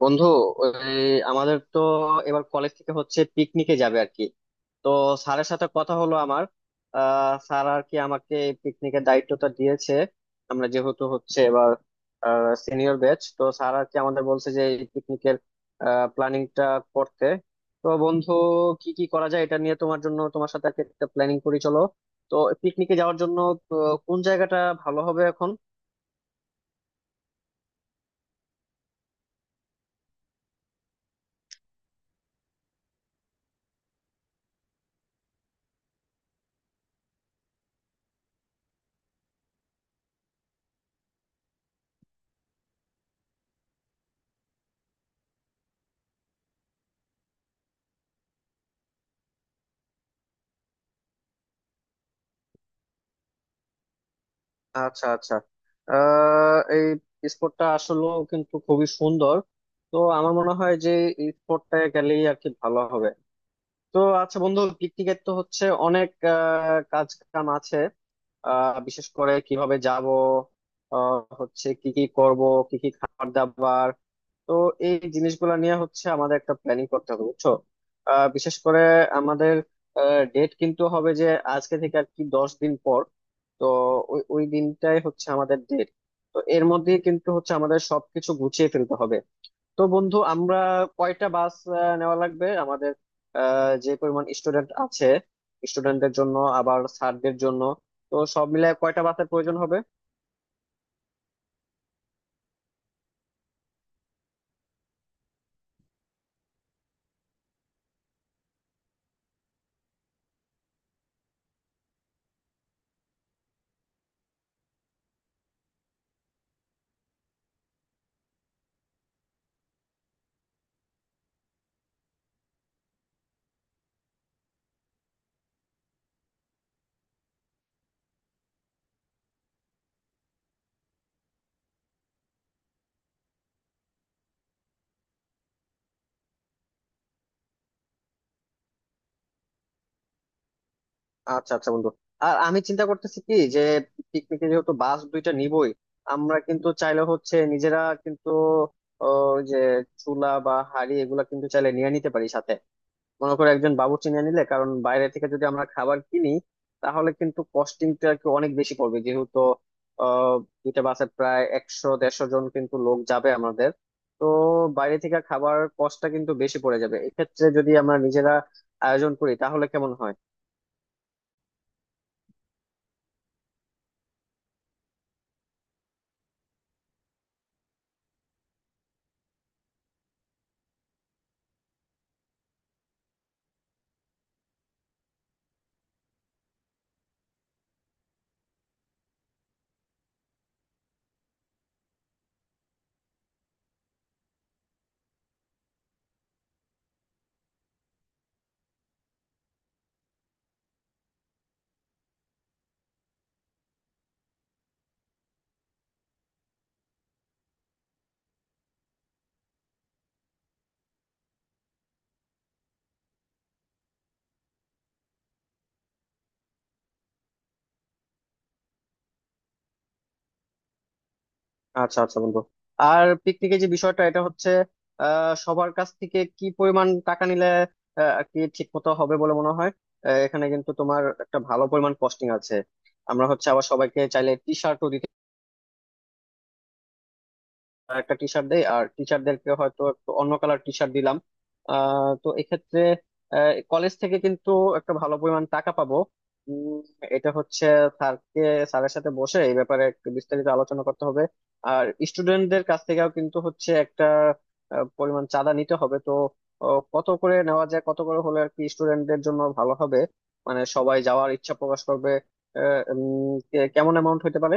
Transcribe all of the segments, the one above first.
বন্ধু, ওই, আমাদের তো এবার কলেজ থেকে হচ্ছে পিকনিকে যাবে আর কি। তো স্যারের সাথে কথা হলো আমার। স্যার আর কি আমাকে পিকনিকের দায়িত্বটা দিয়েছে। আমরা যেহেতু হচ্ছে এবার সিনিয়র ব্যাচ, তো স্যার আর কি আমাদের বলছে যে এই পিকনিকের প্ল্যানিংটা করতে। তো বন্ধু, কি কি করা যায় এটা নিয়ে তোমার জন্য তোমার সাথে আর কি একটা প্ল্যানিং করি চলো। তো পিকনিকে যাওয়ার জন্য তো কোন জায়গাটা ভালো হবে এখন? আচ্ছা, আচ্ছা। এই স্পোর্টটা আসলে কিন্তু খুবই সুন্দর। তো আমার মনে হয় যে এই স্পোর্টটা গেলেই আর কি ভালো হবে। তো আচ্ছা বন্ধু, পিকনিকের তো হচ্ছে অনেক কাজ কাম আছে। বিশেষ করে কিভাবে যাব, হচ্ছে কি কি করব, কি কি খাবার দাবার। তো এই জিনিসগুলো নিয়ে হচ্ছে আমাদের একটা প্ল্যানিং করতে হবে বুঝছো। বিশেষ করে আমাদের ডেট কিন্তু হবে যে আজকে থেকে আর কি 10 দিন পর। তো ওই ওই দিনটাই হচ্ছে আমাদের ডেট। তো এর মধ্যে কিন্তু হচ্ছে আমাদের সবকিছু গুছিয়ে ফেলতে হবে। তো বন্ধু, আমরা কয়টা বাস নেওয়া লাগবে আমাদের? যে পরিমাণ স্টুডেন্ট আছে, স্টুডেন্টদের জন্য আবার স্যারদের জন্য, তো সব মিলে কয়টা বাসের প্রয়োজন হবে? আচ্ছা আচ্ছা বন্ধু। আর আমি চিন্তা করতেছি কি যে পিকনিকে যেহেতু বাস দুইটা নিবই, আমরা কিন্তু চাইলে হচ্ছে নিজেরা কিন্তু ও, যে চুলা বা হাঁড়ি এগুলা কিন্তু চাইলে নিয়ে নিতে পারি সাথে। মনে করো একজন বাবুর্চি নিয়ে নিলে, কারণ বাইরে থেকে যদি আমরা খাবার কিনি তাহলে কিন্তু কস্টিংটা আর কি অনেক বেশি পড়বে, যেহেতু আহ দুইটা বাসে প্রায় 100-150 জন কিন্তু লোক যাবে আমাদের। তো বাইরে থেকে খাবার কষ্টটা কিন্তু বেশি পড়ে যাবে এক্ষেত্রে। যদি আমরা নিজেরা আয়োজন করি তাহলে কেমন হয়? আচ্ছা আচ্ছা বন্ধু। আর পিকনিকের যে বিষয়টা এটা হচ্ছে সবার কাছ থেকে কি পরিমাণ টাকা নিলে আর কি ঠিক মতো হবে বলে মনে হয়? এখানে কিন্তু তোমার একটা ভালো পরিমাণ কস্টিং আছে। আমরা হচ্ছে আবার সবাইকে চাইলে টি শার্টও, আর একটা টি শার্ট দেই আর টিচারদেরকে হয়তো একটু অন্য কালার টি শার্ট দিলাম। তো এক্ষেত্রে কলেজ থেকে কিন্তু একটা ভালো পরিমাণ টাকা পাবো। উম, এটা হচ্ছে স্যারকে, স্যারের সাথে বসে এই ব্যাপারে একটু বিস্তারিত আলোচনা করতে হবে। আর স্টুডেন্টদের কাছ থেকেও কিন্তু হচ্ছে একটা পরিমাণ চাঁদা নিতে হবে। তো কত করে নেওয়া যায়, কত করে হলে আর কি স্টুডেন্টদের জন্য ভালো হবে, মানে সবাই যাওয়ার ইচ্ছা প্রকাশ করবে। কেমন অ্যামাউন্ট হতে পারে?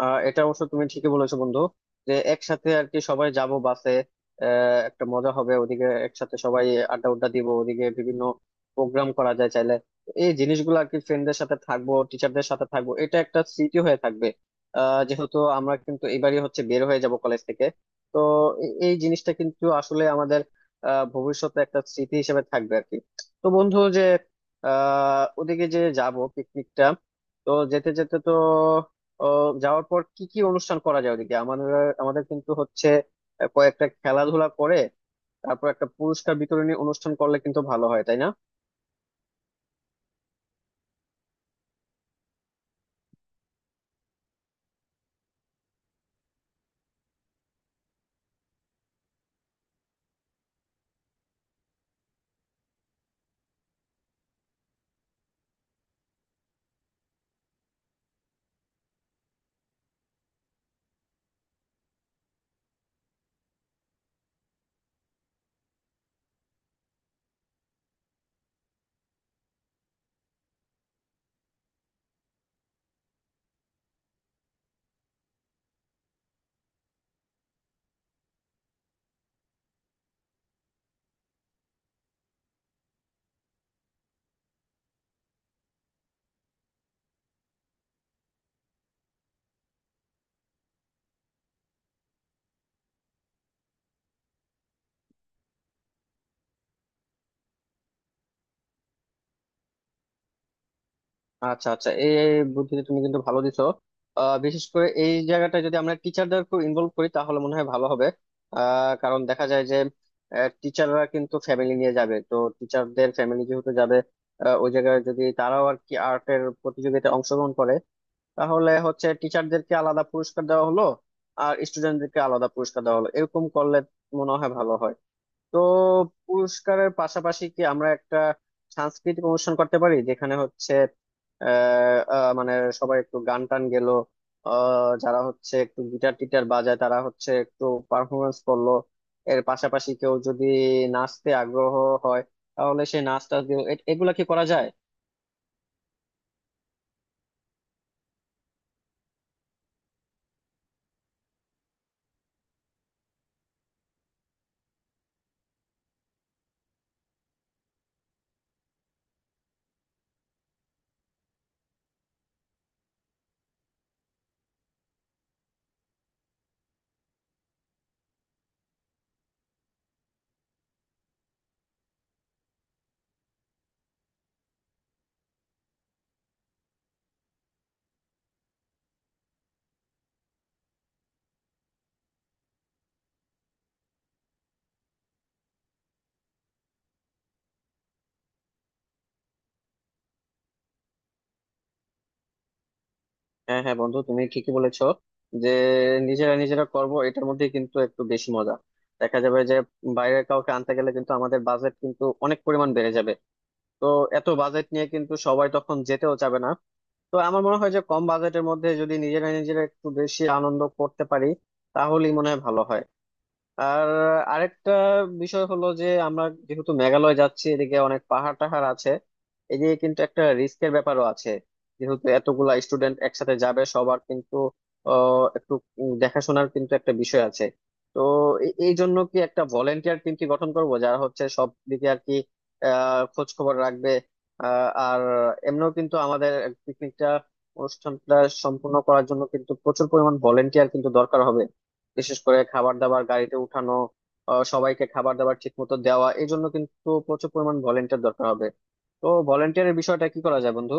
এটা অবশ্য তুমি ঠিকই বলেছো বন্ধু। যে একসাথে আর কি সবাই যাব বাসে, একটা মজা হবে ওদিকে একসাথে সবাই আড্ডা উড্ডা দিব, ওদিকে বিভিন্ন প্রোগ্রাম করা যায় চাইলে। এই জিনিসগুলো আর কি, ফ্রেন্ডদের সাথে থাকবো টিচারদের সাথে থাকবো, এটা একটা স্মৃতি হয়ে থাকবে। যেহেতু আমরা কিন্তু এবারই হচ্ছে বের হয়ে যাব কলেজ থেকে, তো এই জিনিসটা কিন্তু আসলে আমাদের ভবিষ্যতে একটা স্মৃতি হিসেবে থাকবে আর কি। তো বন্ধু যে ওদিকে যে যাব পিকনিকটা, তো যেতে যেতে তো যাওয়ার পর কি কি অনুষ্ঠান করা যায় ওদিকে আমাদের? আমাদের কিন্তু হচ্ছে কয়েকটা খেলাধুলা করে তারপর একটা পুরস্কার বিতরণী অনুষ্ঠান করলে কিন্তু ভালো হয়, তাই না? আচ্ছা আচ্ছা। এই এই বুদ্ধিতে তুমি কিন্তু ভালো দিছো। বিশেষ করে এই জায়গাটা যদি আমরা টিচারদেরকে ইনভলভ করি তাহলে মনে হয় ভালো হবে। কারণ দেখা যায় যে টিচাররা কিন্তু ফ্যামিলি নিয়ে যাবে, তো টিচারদের ফ্যামিলি যেহেতু যাবে, ওই জায়গায় যদি তারাও আর কি আর্টের প্রতিযোগিতায় অংশগ্রহণ করে তাহলে হচ্ছে টিচারদেরকে আলাদা পুরস্কার দেওয়া হলো আর স্টুডেন্টদেরকে আলাদা পুরস্কার দেওয়া হলো, এরকম করলে মনে হয় ভালো হয়। তো পুরস্কারের পাশাপাশি কি আমরা একটা সাংস্কৃতিক অনুষ্ঠান করতে পারি যেখানে হচ্ছে আহ আহ, মানে সবাই একটু গান টান গেলো, যারা হচ্ছে একটু গিটার টিটার বাজায় তারা হচ্ছে একটু পারফরমেন্স করলো, এর পাশাপাশি কেউ যদি নাচতে আগ্রহ হয় তাহলে সে নাচ টাচ দিল? এগুলা কি করা যায়? হ্যাঁ হ্যাঁ বন্ধু, তুমি ঠিকই বলেছো যে নিজেরা নিজেরা করব এটার মধ্যে কিন্তু একটু বেশি মজা দেখা যাবে। যে বাইরে কাউকে আনতে গেলে কিন্তু আমাদের বাজেট কিন্তু অনেক পরিমাণ বেড়ে যাবে। তো এত বাজেট নিয়ে কিন্তু সবাই তখন যেতেও চাবে না। তো আমার মনে হয় যে কম বাজেটের মধ্যে যদি নিজেরা নিজেরা একটু বেশি আনন্দ করতে পারি তাহলেই মনে হয় ভালো হয়। আর আরেকটা বিষয় হলো যে আমরা যেহেতু মেঘালয় যাচ্ছি এদিকে অনেক পাহাড় টাহাড় আছে, এদিকে কিন্তু একটা রিস্কের ব্যাপারও আছে। যেহেতু এতগুলা স্টুডেন্ট একসাথে যাবে, সবার কিন্তু একটু দেখাশোনার কিন্তু একটা বিষয় আছে। তো এই জন্য কি একটা ভলেন্টিয়ার টিম কি গঠন করবো যারা হচ্ছে সব দিকে আর কি খোঁজ খবর রাখবে। আর এমনিও কিন্তু আমাদের পিকনিকটা, অনুষ্ঠানটা সম্পূর্ণ করার জন্য কিন্তু প্রচুর পরিমাণ ভলেন্টিয়ার কিন্তু দরকার হবে। বিশেষ করে খাবার দাবার গাড়িতে উঠানো, সবাইকে খাবার দাবার ঠিক মতো দেওয়া, এই জন্য কিন্তু প্রচুর পরিমাণ ভলেন্টিয়ার দরকার হবে। তো ভলেন্টিয়ারের বিষয়টা কি করা যায় বন্ধু?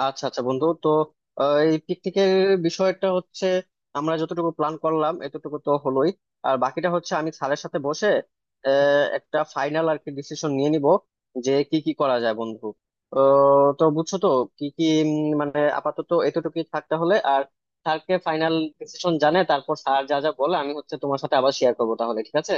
আচ্ছা আচ্ছা বন্ধু। তো এই পিকনিকের বিষয়টা হচ্ছে আমরা যতটুকু প্ল্যান করলাম এতটুকু তো হলোই। আর বাকিটা হচ্ছে আমি স্যারের সাথে বসে একটা ফাইনাল আর কি ডিসিশন নিয়ে নিব যে কি কি করা যায় বন্ধু। তো বুঝছো তো কি কি মানে আপাতত এতটুকুই থাকতে হলে। আর স্যারকে ফাইনাল ডিসিশন জানে তারপর স্যার যা যা বলে আমি হচ্ছে তোমার সাথে আবার শেয়ার করবো, তাহলে ঠিক আছে।